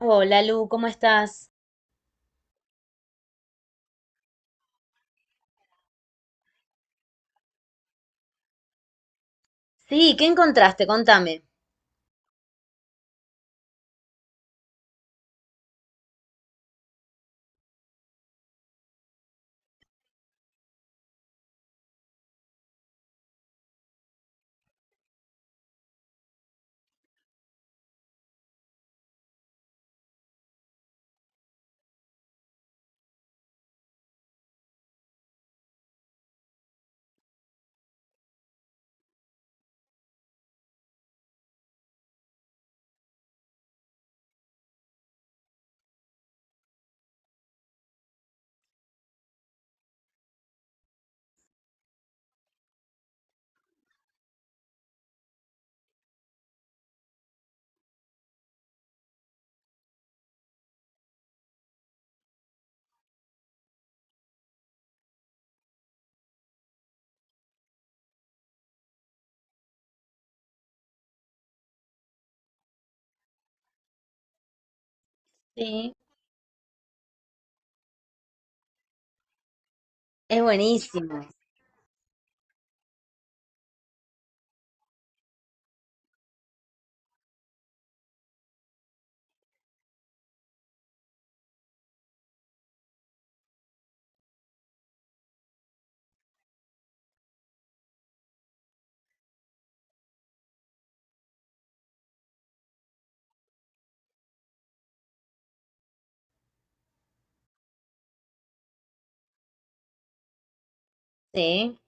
Hola Lu, ¿cómo estás? Sí, ¿qué encontraste? Contame. Sí. Es buenísimo. Sí,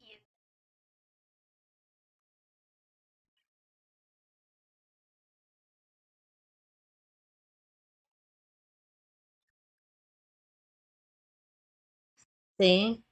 sí.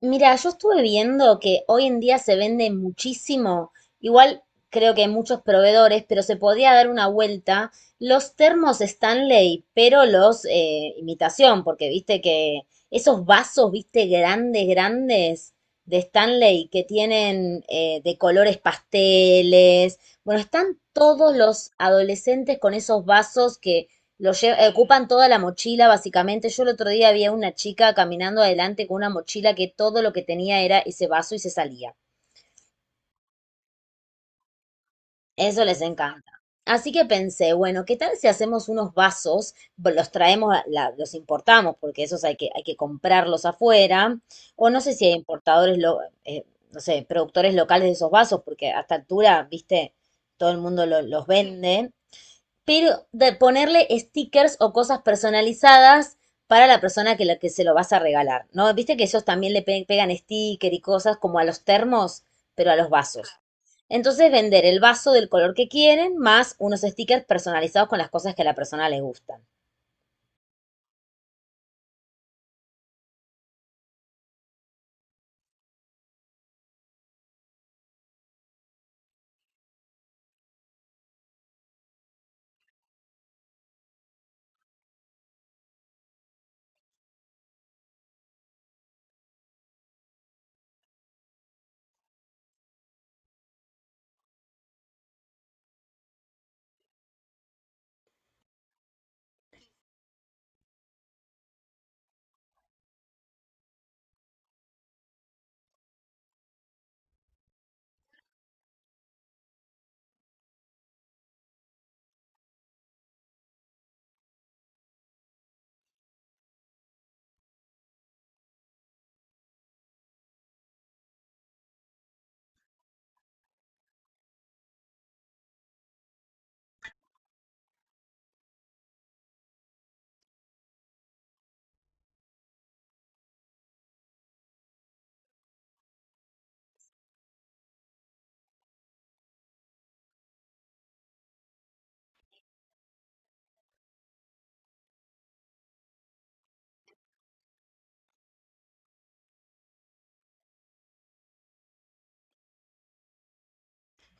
Mira, yo estuve viendo que hoy en día se vende muchísimo, igual creo que hay muchos proveedores, pero se podía dar una vuelta los termos Stanley, pero los imitación, porque viste que esos vasos, viste, grandes, grandes de Stanley que tienen de colores pasteles, bueno, están todos los adolescentes con esos vasos ocupan toda la mochila, básicamente. Yo el otro día había una chica caminando adelante con una mochila que todo lo que tenía era ese vaso y se salía. Eso les encanta. Así que pensé, bueno, ¿qué tal si hacemos unos vasos? Los traemos, los importamos, porque esos hay que comprarlos afuera. O no sé si hay importadores, no sé, productores locales de esos vasos, porque a esta altura, viste, todo el mundo los vende. Pero de ponerle stickers o cosas personalizadas para la persona que se lo vas a regalar, ¿no? Viste que ellos también pegan sticker y cosas como a los termos, pero a los vasos. Entonces vender el vaso del color que quieren más unos stickers personalizados con las cosas que a la persona le gustan.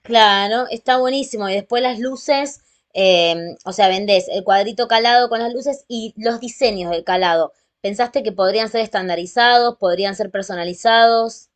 Claro, está buenísimo. Y después las luces, eh, o sea, vendés el cuadrito calado con las luces y los diseños del calado. ¿Pensaste que podrían ser estandarizados, podrían ser personalizados?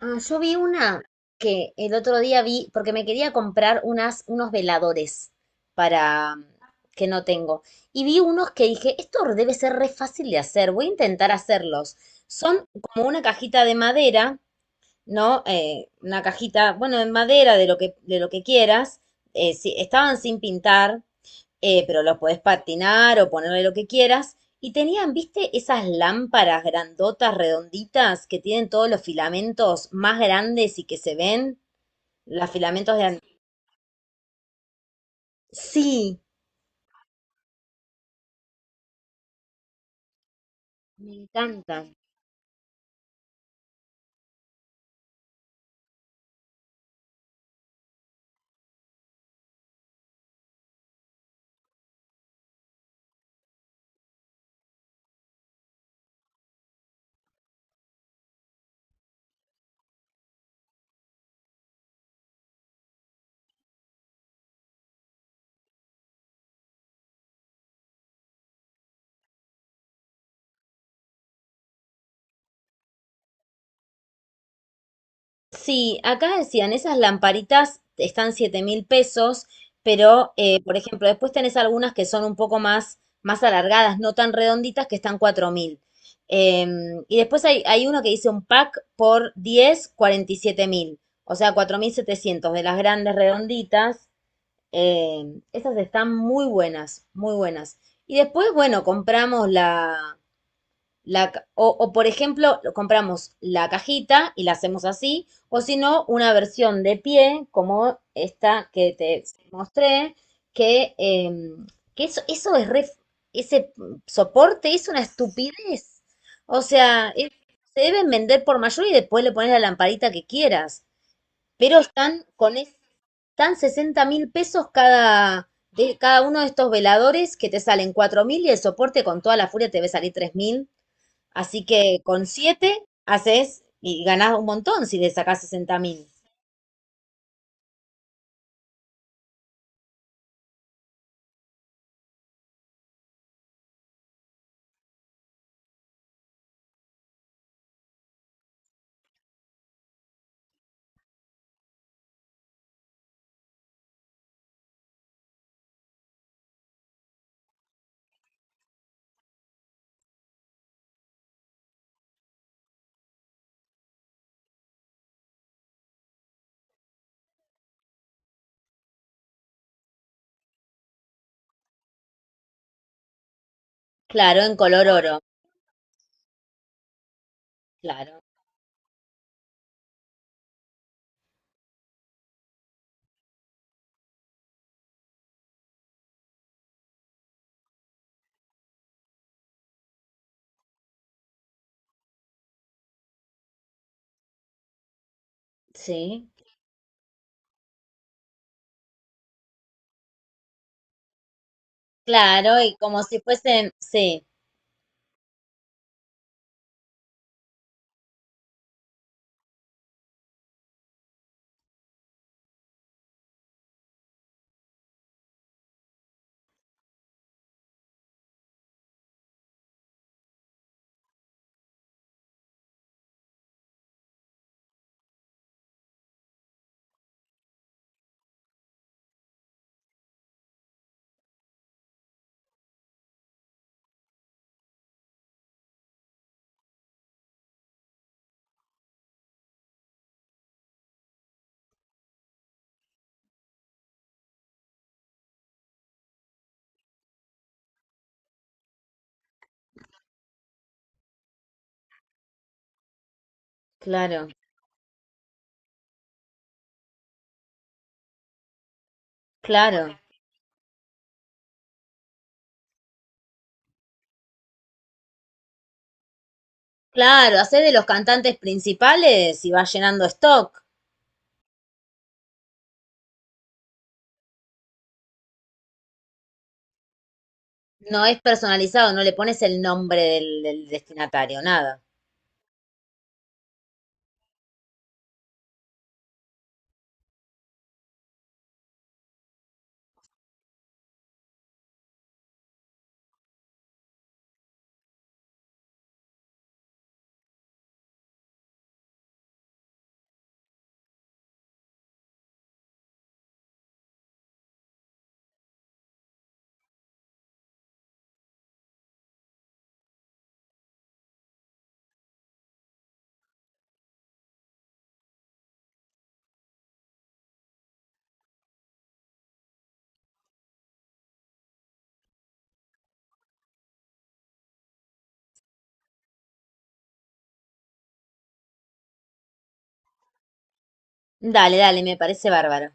Ah, yo vi una que el otro día vi, porque me quería comprar unos veladores para que no tengo. Y vi unos que dije, esto debe ser re fácil de hacer, voy a intentar hacerlos. Son como una cajita de madera, ¿no? Una cajita, bueno, de madera, de lo que quieras. Sí, estaban sin pintar, pero lo podés patinar o ponerle lo que quieras. Y tenían, viste, esas lámparas grandotas, redonditas, que tienen todos los filamentos más grandes y que se ven, los filamentos de... an- Sí, me encantan. Sí, acá decían, esas lamparitas están 7.000 pesos, pero por ejemplo, después tenés algunas que son un poco más alargadas, no tan redonditas, que están 4.000. Y después hay uno que dice un pack por 10 47.000, o sea, 4.700 de las grandes redonditas. Eh, esas están muy buenas, muy buenas. Y después, bueno, compramos por ejemplo, compramos la cajita y la hacemos así, o si no, una versión de pie, como esta que te mostré, que, em, que ese soporte es una estupidez. O sea, se deben vender por mayor y después le pones la lamparita que quieras. Pero están están 60.000 pesos de cada uno de estos veladores que te salen 4.000 y el soporte con toda la furia te debe salir 3.000. Así que con 7 haces y ganás un montón si le sacás 60 mil. Claro, en color oro. Claro, sí. Claro, y como si fuesen, sí, claro, claro, claro. Hacés de los cantantes principales y vas llenando stock. No es personalizado, no le pones el nombre del destinatario, nada. Dale, dale, me parece bárbaro.